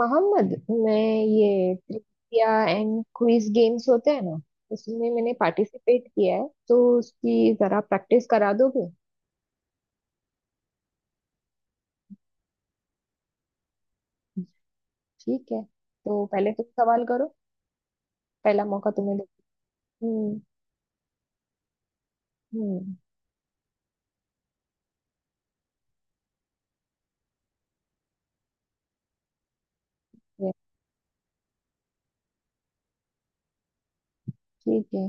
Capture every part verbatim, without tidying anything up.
मोहम्मद मैं ये trivia and quiz games होते हैं ना, उसमें मैंने पार्टिसिपेट किया है, तो उसकी जरा प्रैक्टिस करा दोगे। ठीक है, तो पहले तुम सवाल करो, पहला मौका तुम्हें दो। हम्म। हम्म। ये, ठीक है।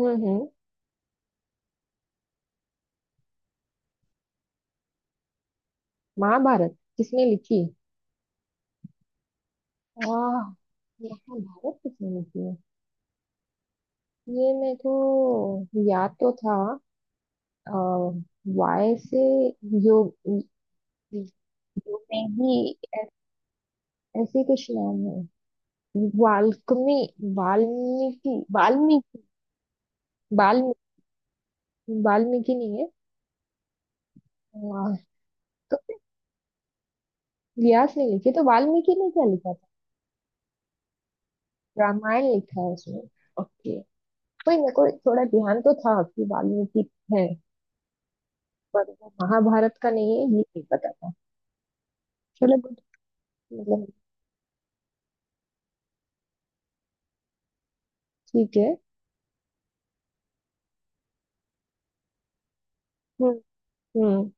हम्म। हम्म। महाभारत किसने लिखी। वाह, महाभारत किसने लिखी है। ये मेरे को याद तो था। अ, वाय से योग, योग में ही, ऐ- ऐसे कुछ नाम है। वाल्मीकि वाल्मीकि वाल्मीकि। वाल्मीकि, वाल्मीकि नहीं है। वाह, तो व्यास ने लिखी, तो वाल्मीकि ने क्या लिखा था। रामायण लिखा है उसने। ओके। कोई मेरे को थोड़ा ध्यान तो था कि वाल्मीकि है, पर वो महाभारत का नहीं है ये नहीं पता था। चलो good, मतलब। ठीक है। हम्म। हम्म,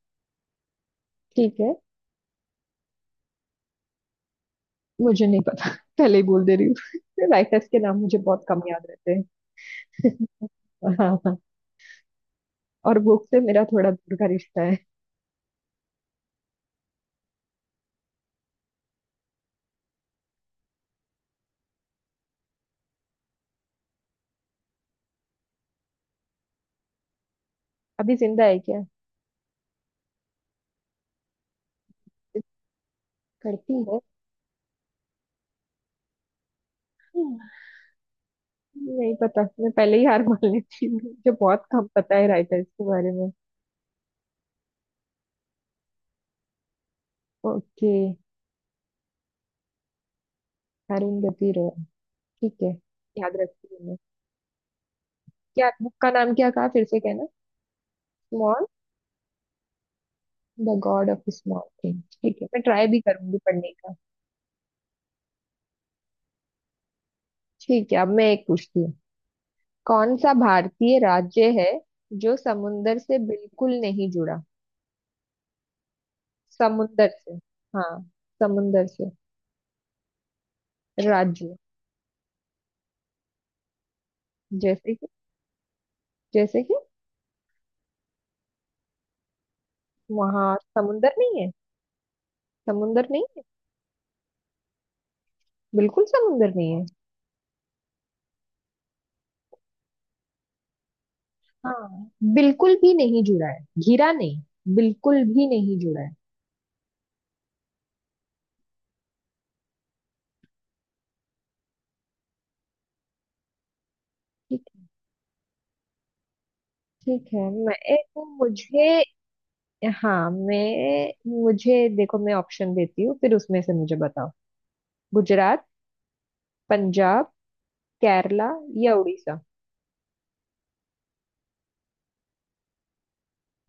ठीक है। मुझे नहीं पता पहले ही बोल दे रही हूँ राइटर्स के नाम मुझे बहुत कम याद रहते हैं। हाँ हाँ, और बुक से मेरा थोड़ा दूर का रिश्ता है। अभी जिंदा है क्या। करती ओ, नहीं पता, मैं पहले ही हार मान लेती हूँ, मुझे बहुत कम पता है राइटर्स के बारे में। ओके। अरुण गति रॉय, ठीक है, याद रखती हूँ मैं। क्या बुक का नाम क्या कहा, फिर से कहना। Small, the god of small thing, ठीक है, मैं ट्राई भी करूंगी पढ़ने का। ठीक है, अब मैं एक पूछती हूँ। कौन सा भारतीय राज्य है जो समुंदर से बिल्कुल नहीं जुड़ा। समुंदर से, हाँ, समुंदर से। राज्य, जैसे कि, जैसे कि। वहां समुंदर नहीं है। समुंदर नहीं है। बिल्कुल समुंदर नहीं है। हाँ, बिल्कुल भी नहीं जुड़ा है, घिरा नहीं, बिल्कुल भी नहीं जुड़ा है। ठीक, ठीक है। मैं एक, मुझे, हाँ, मैं, मुझे देखो, मैं ऑप्शन देती हूँ, फिर उसमें से मुझे बताओ। गुजरात, पंजाब, केरला, या उड़ीसा।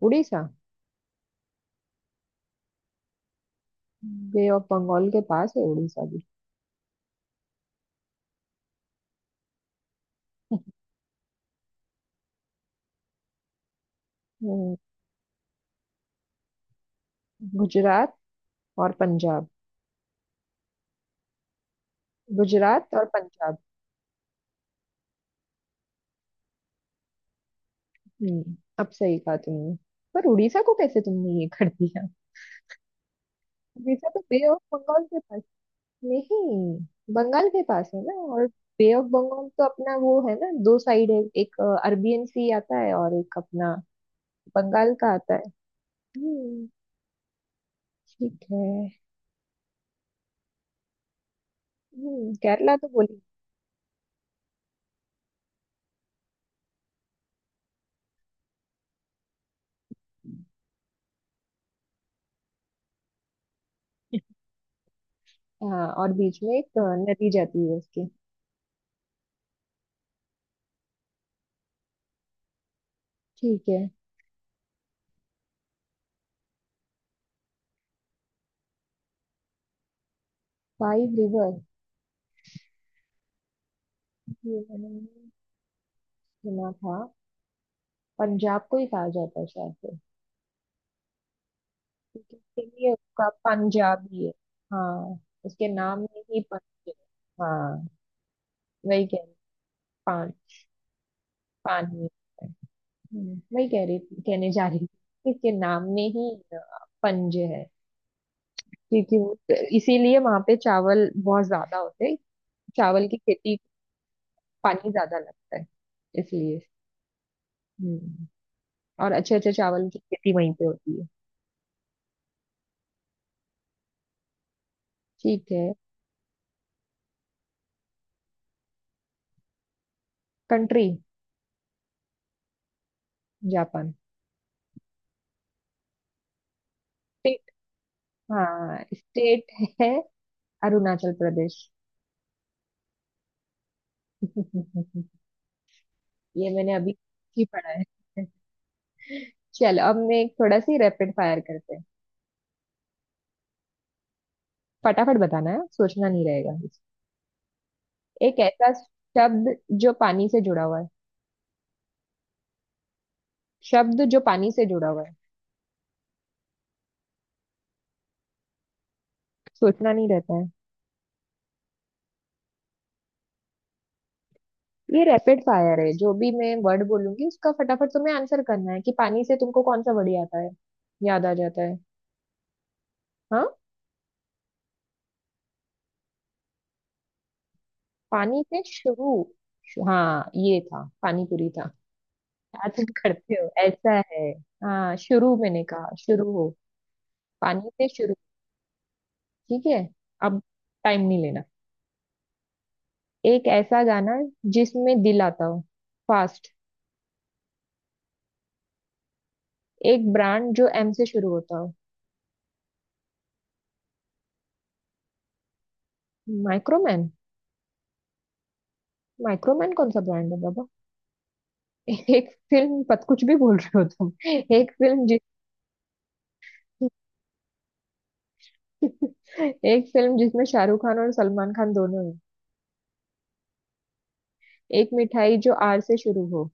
उड़ीसा, बे ऑफ बंगाल के पास है उड़ीसा भी। हम्म, गुजरात और पंजाब। गुजरात और पंजाब। हम्म, अब सही कहा तुमने, पर उड़ीसा को कैसे तुमने ये कर दिया। वीजा तो बे ऑफ बंगाल के पास, नहीं, बंगाल के पास है ना, और बे ऑफ बंगाल तो अपना वो है ना, दो साइड है, एक अरबियन सी आता है और एक अपना बंगाल का आता है। हम्म, ठीक है। हम्म, केरला तो बोली। हाँ, और बीच में एक अ, नदी जाती है उसके। ठीक है। फाइव रिवर, ये मैंने नहीं सुना था। पंजाब को ही कहा जाता है शायद से। ठीक है, इसलिए उसका पंजाबी है। हाँ, उसके नाम में ही पंजाब, हाँ, वही कह रही हूँ। पान, पानी है। हम्म, वही कह रही थी, कहने जा रही थी, इसके नाम में ही अ, पंजे हैं, क्योंकि वो, इसीलिए वहां पे चावल बहुत ज्यादा होते हैं, चावल की खेती, पानी ज्यादा लगता है इसलिए। हम्म, और अच्छे अच्छे चावल की खेती वहीं पे होती है। ठीक है। Country, Japan. स्टेट, हाँ स्टेट है, अरुणाचल प्रदेश। ये मैंने अभी ही पढ़ा है। चलो, अब मैं एक थोड़ा सी रैपिड फायर करते हैं। फटाफट बताना है, सोचना नहीं रहेगा। एक ऐसा शब्द जो पानी से जुड़ा हुआ है। शब्द जो पानी से जुड़ा हुआ है, सोचना नहीं रहता है। ये रैपिड फायर है, जो भी मैं वर्ड बोलूंगी उसका फटाफट तुम्हें आंसर करना है, कि पानी से तुमको कौन सा वर्ड आता है, याद आ जाता है। हाँ, पानी से शुरू। हाँ ये था, पानी पूरी था। क्या तुम करते हो ऐसा है, हाँ, शुरू मैंने कहा, शुरू हो। पानी से शुरू, ठीक है। अब, टाइम नहीं लेना। एक ऐसा गाना जिसमें दिल आता हो, फास्ट। एक ब्रांड जो एम से शुरू होता हो। माइक्रोमैन, माइक्रोमैन कौन सा ब्रांड है बाबा। एक फिल्म पत, कुछ भी बोल रहे हो तुम। एक फिल्म जिस, एक फिल्म जिसमें शाहरुख खान और सलमान खान दोनों हैं। एक मिठाई जो आर से शुरू हो।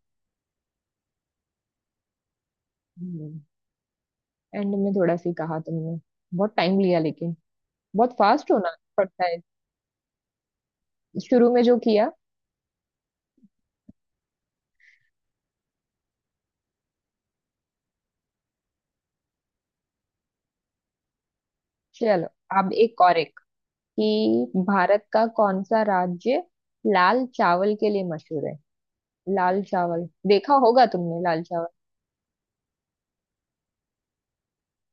एंड में थोड़ा सी कहा तुमने, बहुत टाइम लिया लेकिन, बहुत फास्ट होना पड़ता है, शुरू में जो किया। चलो, अब एक और, कि भारत का कौन सा राज्य लाल चावल के लिए मशहूर है। लाल चावल देखा होगा तुमने, लाल चावल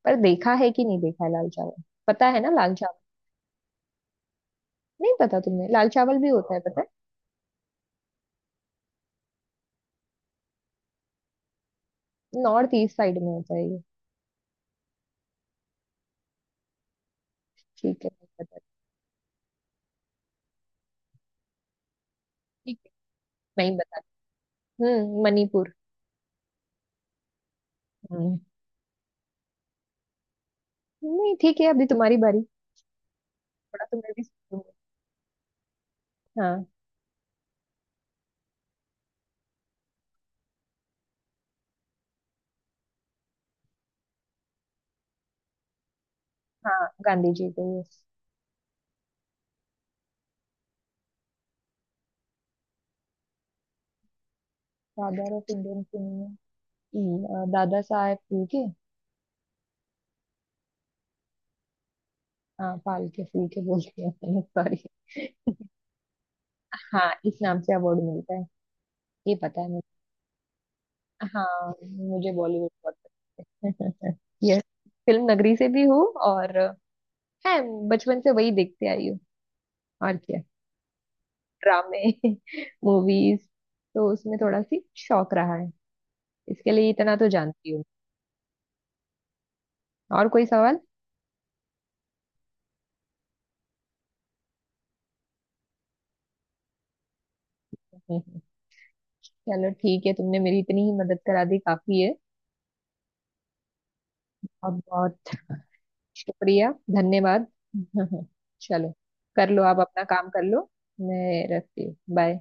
पर देखा है कि नहीं देखा है, लाल चावल पता है ना, लाल चावल। नहीं पता तुमने, लाल चावल भी होता है, पता है, नॉर्थ ईस्ट साइड में होता है ये। ठीक है, नहीं पता। ठीक है, नहीं बता। हम्म, मणिपुर। हम्म। नहीं, ठीक है, अभी तुम्हारी बारी, थोड़ा तो मैं भी सोचूंगी। हाँ। हाँ, गांधी जी को, yes. Father of Indian, Dada Saheb फूके। हाँ फाल्के, फूके बोलते हैं सॉरी। हाँ, इस नाम से अवार्ड मिलता है, ये पता है मुझे। हाँ, मुझे बॉलीवुड बहुत पसंद है यस, फिल्म नगरी से भी हूँ, और है, बचपन से वही देखते आई हूँ, और क्या, ड्रामे मूवीज, तो उसमें थोड़ा सी शौक रहा है, इसके लिए इतना तो जानती हूँ। और कोई सवाल। हम्म, चलो ठीक है, तुमने मेरी इतनी ही मदद करा दी काफी है, और बहुत शुक्रिया, धन्यवाद। चलो, कर लो आप, अपना काम कर लो, मैं रखती हूँ, बाय।